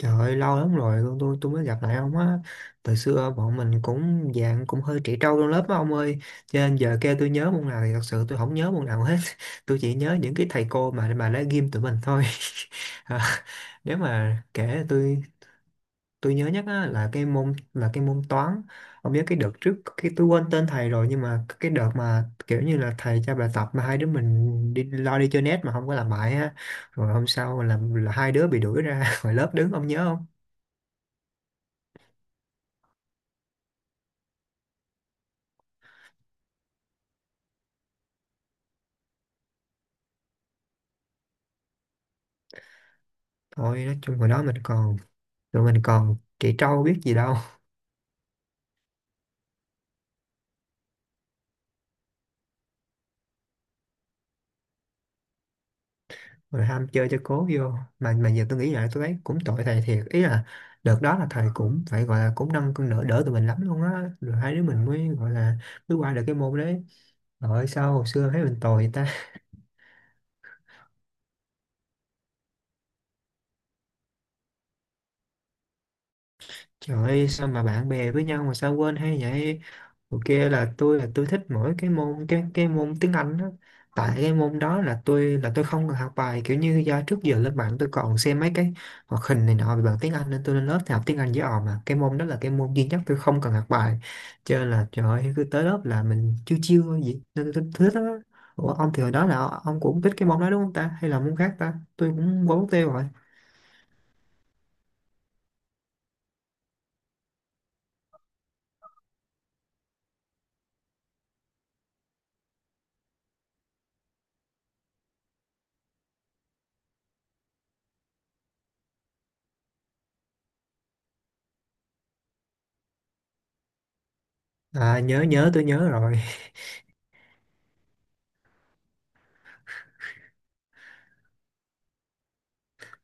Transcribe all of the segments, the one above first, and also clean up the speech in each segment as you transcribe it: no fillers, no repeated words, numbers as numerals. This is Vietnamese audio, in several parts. Trời ơi, lâu lắm rồi tôi mới gặp lại ông á. Từ xưa bọn mình cũng hơi trẻ trâu trong lớp á ông ơi. Cho nên giờ kêu tôi nhớ môn nào thì thật sự tôi không nhớ môn nào hết. Tôi chỉ nhớ những cái thầy cô mà đã ghim tụi mình thôi. À, nếu mà kể tôi nhớ nhất á, là cái môn toán. Ông nhớ cái đợt trước cái tôi quên tên thầy rồi nhưng mà cái đợt mà kiểu như là thầy cho bài tập mà hai đứa mình đi lo đi chơi net mà không có làm bài á. Rồi hôm sau là hai đứa bị đuổi ra khỏi lớp đứng ông nhớ không? Thôi nói chung hồi đó mình còn tụi mình còn trẻ trâu biết gì đâu, rồi ham chơi cho cố vô mà giờ tôi nghĩ lại tôi thấy cũng tội thầy thiệt, ý là đợt đó là thầy cũng phải gọi là cũng nâng cân đỡ đỡ tụi mình lắm luôn á, rồi hai đứa mình mới gọi là mới qua được cái môn đấy. Rồi sao hồi xưa thấy mình tồi ta? Trời ơi, sao mà bạn bè với nhau mà sao quên hay vậy? Ok, là tôi thích mỗi cái môn tiếng Anh đó. Tại cái môn đó là tôi không cần học bài, kiểu như do trước giờ lên mạng tôi còn xem mấy cái hoạt hình này nọ về bằng tiếng Anh nên tôi lên lớp thì học tiếng Anh với họ, mà cái môn đó là cái môn duy nhất tôi không cần học bài, cho nên là trời ơi, cứ tới lớp là mình chiêu chiêu thôi, vậy nên tôi thích đó. Ủa ông thì hồi đó là ông cũng thích cái môn đó đúng không ta? Hay là môn khác ta? Tôi cũng quên mất tiêu rồi. À, nhớ nhớ tôi nhớ rồi.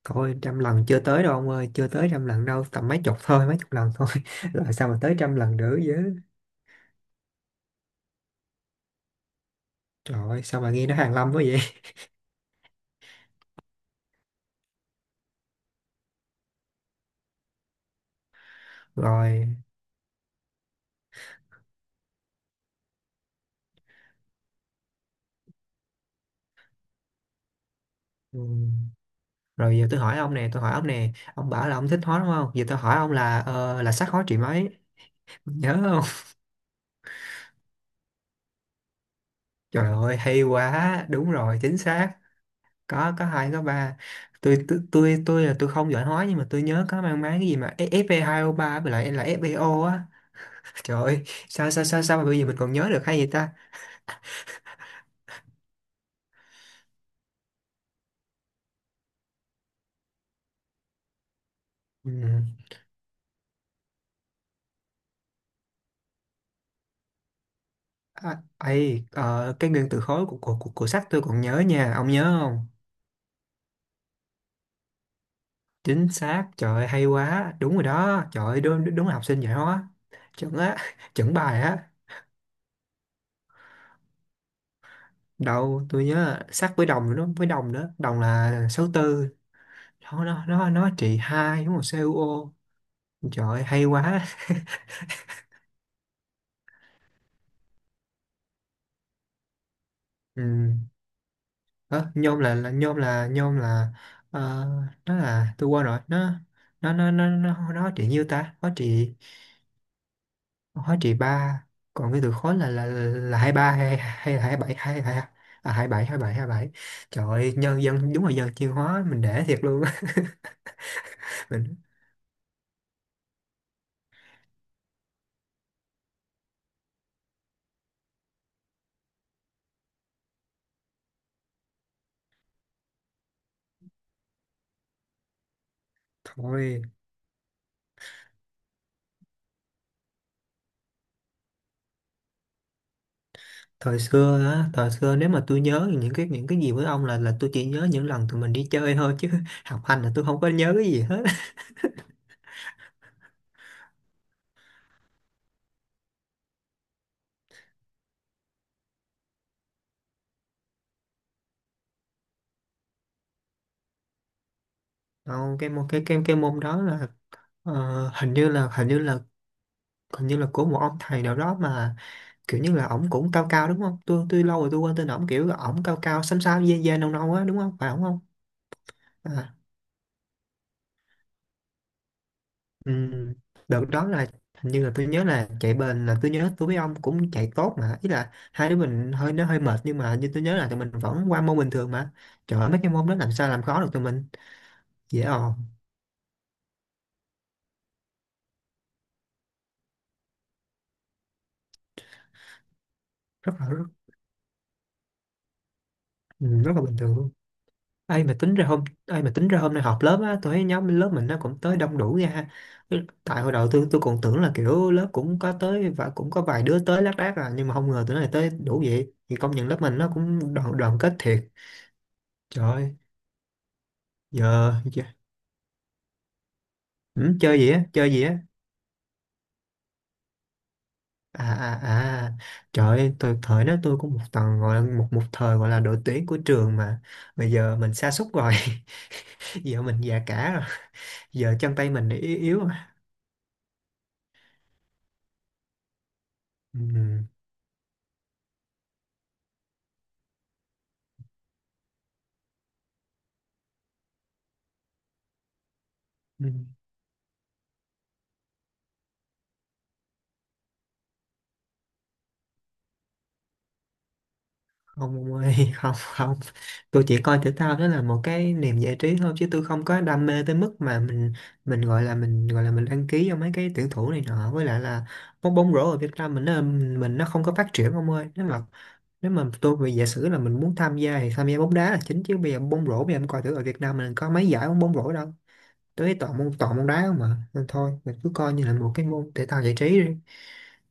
Coi trăm lần chưa tới đâu ông ơi, chưa tới trăm lần đâu, tầm mấy chục thôi, mấy chục lần thôi. Rồi sao mà tới trăm lần nữa chứ? Trời ơi, sao mà nghe nó hàn lâm quá vậy? Rồi, ừm, rồi giờ tôi hỏi ông nè, tôi hỏi ông nè, ông bảo là ông thích hóa đúng không? Giờ tôi hỏi ông là là sắc hóa trị mấy? Nhớ không? Trời ơi, hay quá, đúng rồi, chính xác. Có hai có ba. Tôi không giỏi hóa nhưng mà tôi nhớ có mang máng cái gì mà Fe2O3 với lại là FeO á. Trời ơi, sao sao sao sao mà bây giờ mình còn nhớ được hay vậy ta? Ừ. À, ấy, cái nguyên tử khối của sách tôi còn nhớ nha, ông nhớ không? Chính xác, trời ơi, hay quá, đúng rồi đó, trời ơi, đúng, đúng là học sinh giỏi hóa, chuẩn á. Chuẩn bài á. Đâu, tôi nhớ sách với đồng nữa, với đồng nữa, đồng là số tư. Nó trị hai đúng không? CuO. Trời ơi, hay quá. Ừ. Ờ, nhôm là, là nhôm. Ờ, nó là tôi quên rồi, nó nó trị nhiêu ta, nó trị hóa trị ba. Còn cái từ khối là 23 hay hay là 27 22? À, hai bảy. Trời ơi, nhân dân đúng là dân chuyên hóa mình để thiệt luôn á. Mình thôi, thời xưa á, thời xưa nếu mà tôi nhớ những cái gì với ông là tôi chỉ nhớ những lần tụi mình đi chơi thôi chứ học hành là tôi không có nhớ cái gì hết. Không, cái môn cái môn đó là, ờ, hình như là của một ông thầy nào đó mà kiểu như là ổng cũng cao cao đúng không? Tôi lâu rồi tôi quên tên ổng, kiểu là ổng cao cao, xám xám, da da nâu nâu á, đúng không? Phải ổng không? À, ừm, đợt đó là hình như là tôi nhớ là chạy bền là tôi nhớ tôi với ông cũng chạy tốt mà, ý là hai đứa mình hơi, nó hơi mệt nhưng mà như tôi nhớ là tụi mình vẫn qua môn bình thường mà. Trời ơi, mấy cái môn đó làm sao làm khó được tụi mình, dễ ồn, rất là rất, rất là bình thường luôn. Ai mà tính ra hôm, ai mà tính ra hôm nay họp lớp á, tôi thấy nhóm lớp mình nó cũng tới đông đủ nha ha. Tại hồi đầu tôi còn tưởng là kiểu lớp cũng có tới và cũng có vài đứa tới lác đác à, nhưng mà không ngờ tụi này tới đủ vậy, thì công nhận lớp mình nó cũng đoàn đoàn kết thiệt. Trời ơi, giờ giờ- ừ, chơi gì á, chơi gì á? À, à, à. Trời ơi, tôi thời đó tôi cũng một thời gọi là đội tuyển của trường mà, bây giờ mình sa sút rồi. Giờ mình già cả rồi, giờ chân tay mình yếu yếu rồi. Ừ. Ừ. Ừ. Không ông ơi, không, không, tôi chỉ coi thể thao đó là một cái niềm giải trí thôi chứ tôi không có đam mê tới mức mà mình, mình gọi là mình đăng ký cho mấy cái tuyển thủ này nọ, với lại là bóng, bóng rổ ở Việt Nam mình nó, mình nó không có phát triển ông ơi. Nếu mà tôi về giả sử là mình muốn tham gia thì tham gia bóng đá là chính, chứ bây giờ bóng rổ, bây giờ em coi thử ở Việt Nam mình có mấy giải bóng, bóng rổ đâu. Tôi toàn môn, toàn môn đá không mà, nên thôi mình cứ coi như là một cái môn thể thao giải trí đi.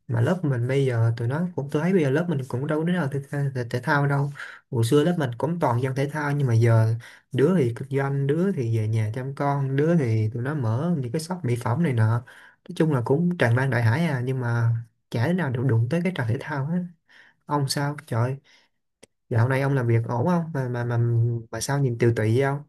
Mà lớp mình bây giờ tụi nó cũng, tôi thấy bây giờ lớp mình cũng đâu có đứa nào thể thao đâu. Hồi xưa lớp mình cũng toàn dân thể thao nhưng mà giờ đứa thì kinh doanh, đứa thì về nhà chăm con, đứa thì tụi nó mở những cái shop mỹ phẩm này nọ, nói chung là cũng tràn lan đại hải à, nhưng mà chả đứa nào được đụng tới cái trò thể thao hết. Ông sao trời, dạo này ông làm việc ổn không mà mà sao nhìn tiều tụy vậy ông?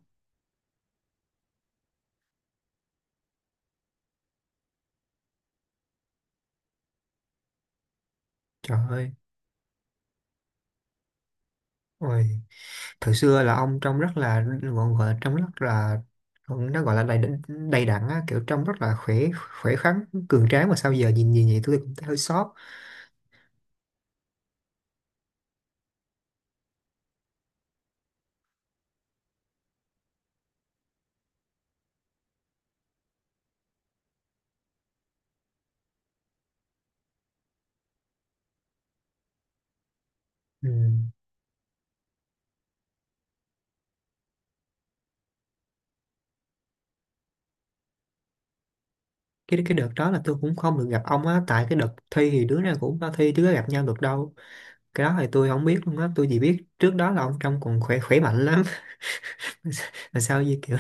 Trời ơi, ôi, thời xưa là ông trông rất là gọi, gọi là trông rất là, nó gọi là đầy đặn á, kiểu trông rất là khỏe, khỏe khoắn, cường tráng, mà sao giờ nhìn nhìn vậy tôi cũng thấy hơi xót. Ừ. Cái đợt đó là tôi cũng không được gặp ông á, tại cái đợt thi thì đứa nào cũng có thi chứ có gặp nhau được đâu. Cái đó thì tôi không biết luôn á, tôi chỉ biết trước đó là ông trông còn khỏe, khỏe mạnh lắm. Mà sao gì kiểu,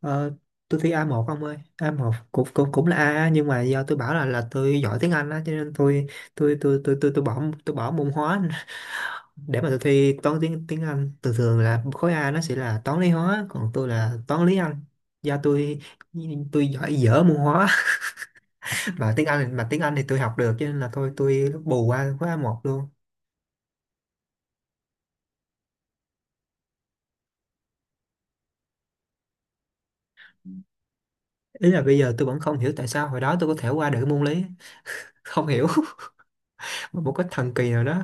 ờ, tôi thi A1 ông ơi, A1 cũng cũng cũng là A nhưng mà do tôi bảo là tôi giỏi tiếng Anh á cho nên tôi tôi bỏ, tôi bỏ môn hóa để mà tôi thi toán, tiếng tiếng Anh. Thường thường là khối A nó sẽ là toán lý hóa, còn tôi là toán lý Anh, do tôi giỏi dở môn hóa. Mà tiếng Anh, thì tôi học được, cho nên là thôi tôi bù qua khối A1 luôn. Ý là bây giờ tôi vẫn không hiểu tại sao hồi đó tôi có thể qua được cái môn lý, không hiểu. Một cái thần kỳ nào đó.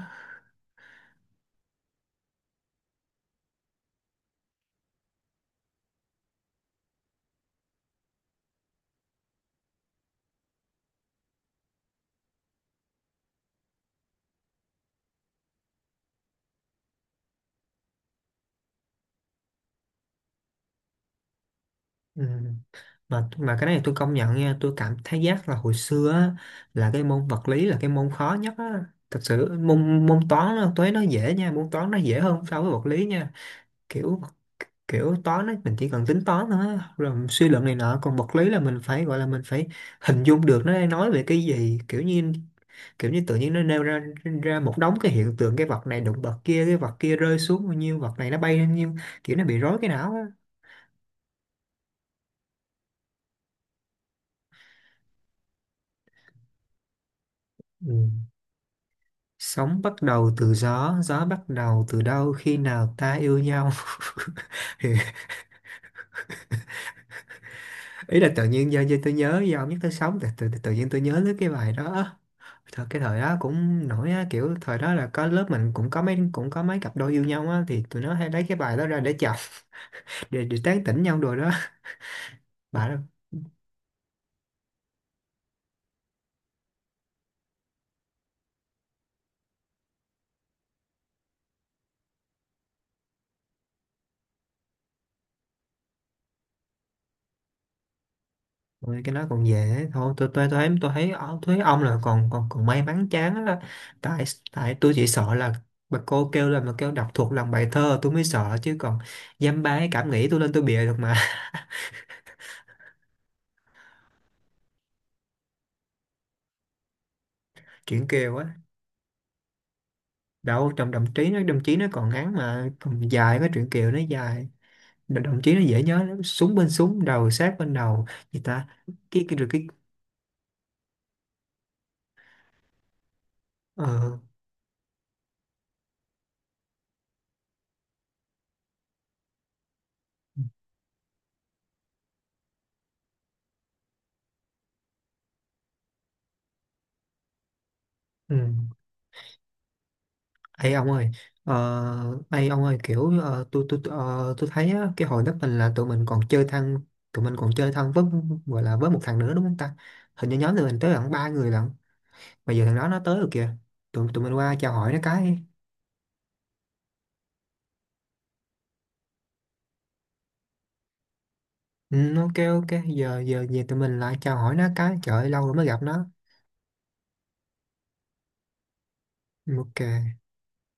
Ừ. mà cái này tôi công nhận nha, tôi cảm thấy giác là hồi xưa á, là cái môn vật lý là cái môn khó nhất á. Thật sự môn, toán nó dễ nha, môn toán nó dễ hơn so với vật lý nha. Kiểu Kiểu toán ấy, mình chỉ cần tính toán thôi á, rồi suy luận này nọ, còn vật lý là mình phải gọi là mình phải hình dung được nó đang nói về cái gì, kiểu như tự nhiên nó nêu ra, ra một đống cái hiện tượng, cái vật này đụng vật kia, cái vật kia rơi xuống bao nhiêu, vật này nó bay lên bao nhiêu, kiểu nó bị rối cái não á. Ừ. Sống bắt đầu từ gió, gió bắt đầu từ đâu, khi nào ta yêu nhau? Thì ý là tự nhiên do, do tôi nhớ do ông nhất tới sống, tự nhiên tôi nhớ tới cái bài đó. Thật, cái thời đó cũng nổi á, kiểu thời đó là có, lớp mình cũng có mấy, cũng có mấy cặp đôi yêu nhau á thì tụi nó hay lấy cái bài đó ra để chọc, để tán tỉnh nhau đồ đó. Bà đó. Ôi, cái nó còn về ấy. Thôi tôi thấy, tôi thấy ông là còn còn còn may mắn chán á, tại, tôi chỉ sợ là bà cô kêu là mà kêu đọc thuộc lòng bài thơ tôi mới sợ, chứ còn dăm ba cái cảm nghĩ tôi lên tôi bịa được mà. Chuyện Kiều á. Đâu, trong Đồng Chí, nó Đồng Chí nó còn ngắn mà, còn dài cái Chuyện Kiều nó dài. Đ- Đồng Chí nó dễ nhớ lắm, súng bên súng đầu sát bên đầu gì ta? Cái rồi cái ờ Ừ. Ê ông ơi, ờ ê ông ơi, kiểu ờ, tôi thấy á, cái hồi đó mình là tụi mình còn chơi thân với, gọi là với một thằng nữa đúng không ta? Hình như nhóm tụi mình tới gần ba người lận, mà giờ thằng đó nó tới rồi kìa, tụi tụi mình qua chào hỏi nó cái. Ừ, ok, ok, giờ giờ về tụi mình lại chào hỏi nó cái, trời ơi, lâu rồi mới gặp nó. Ừ, ok.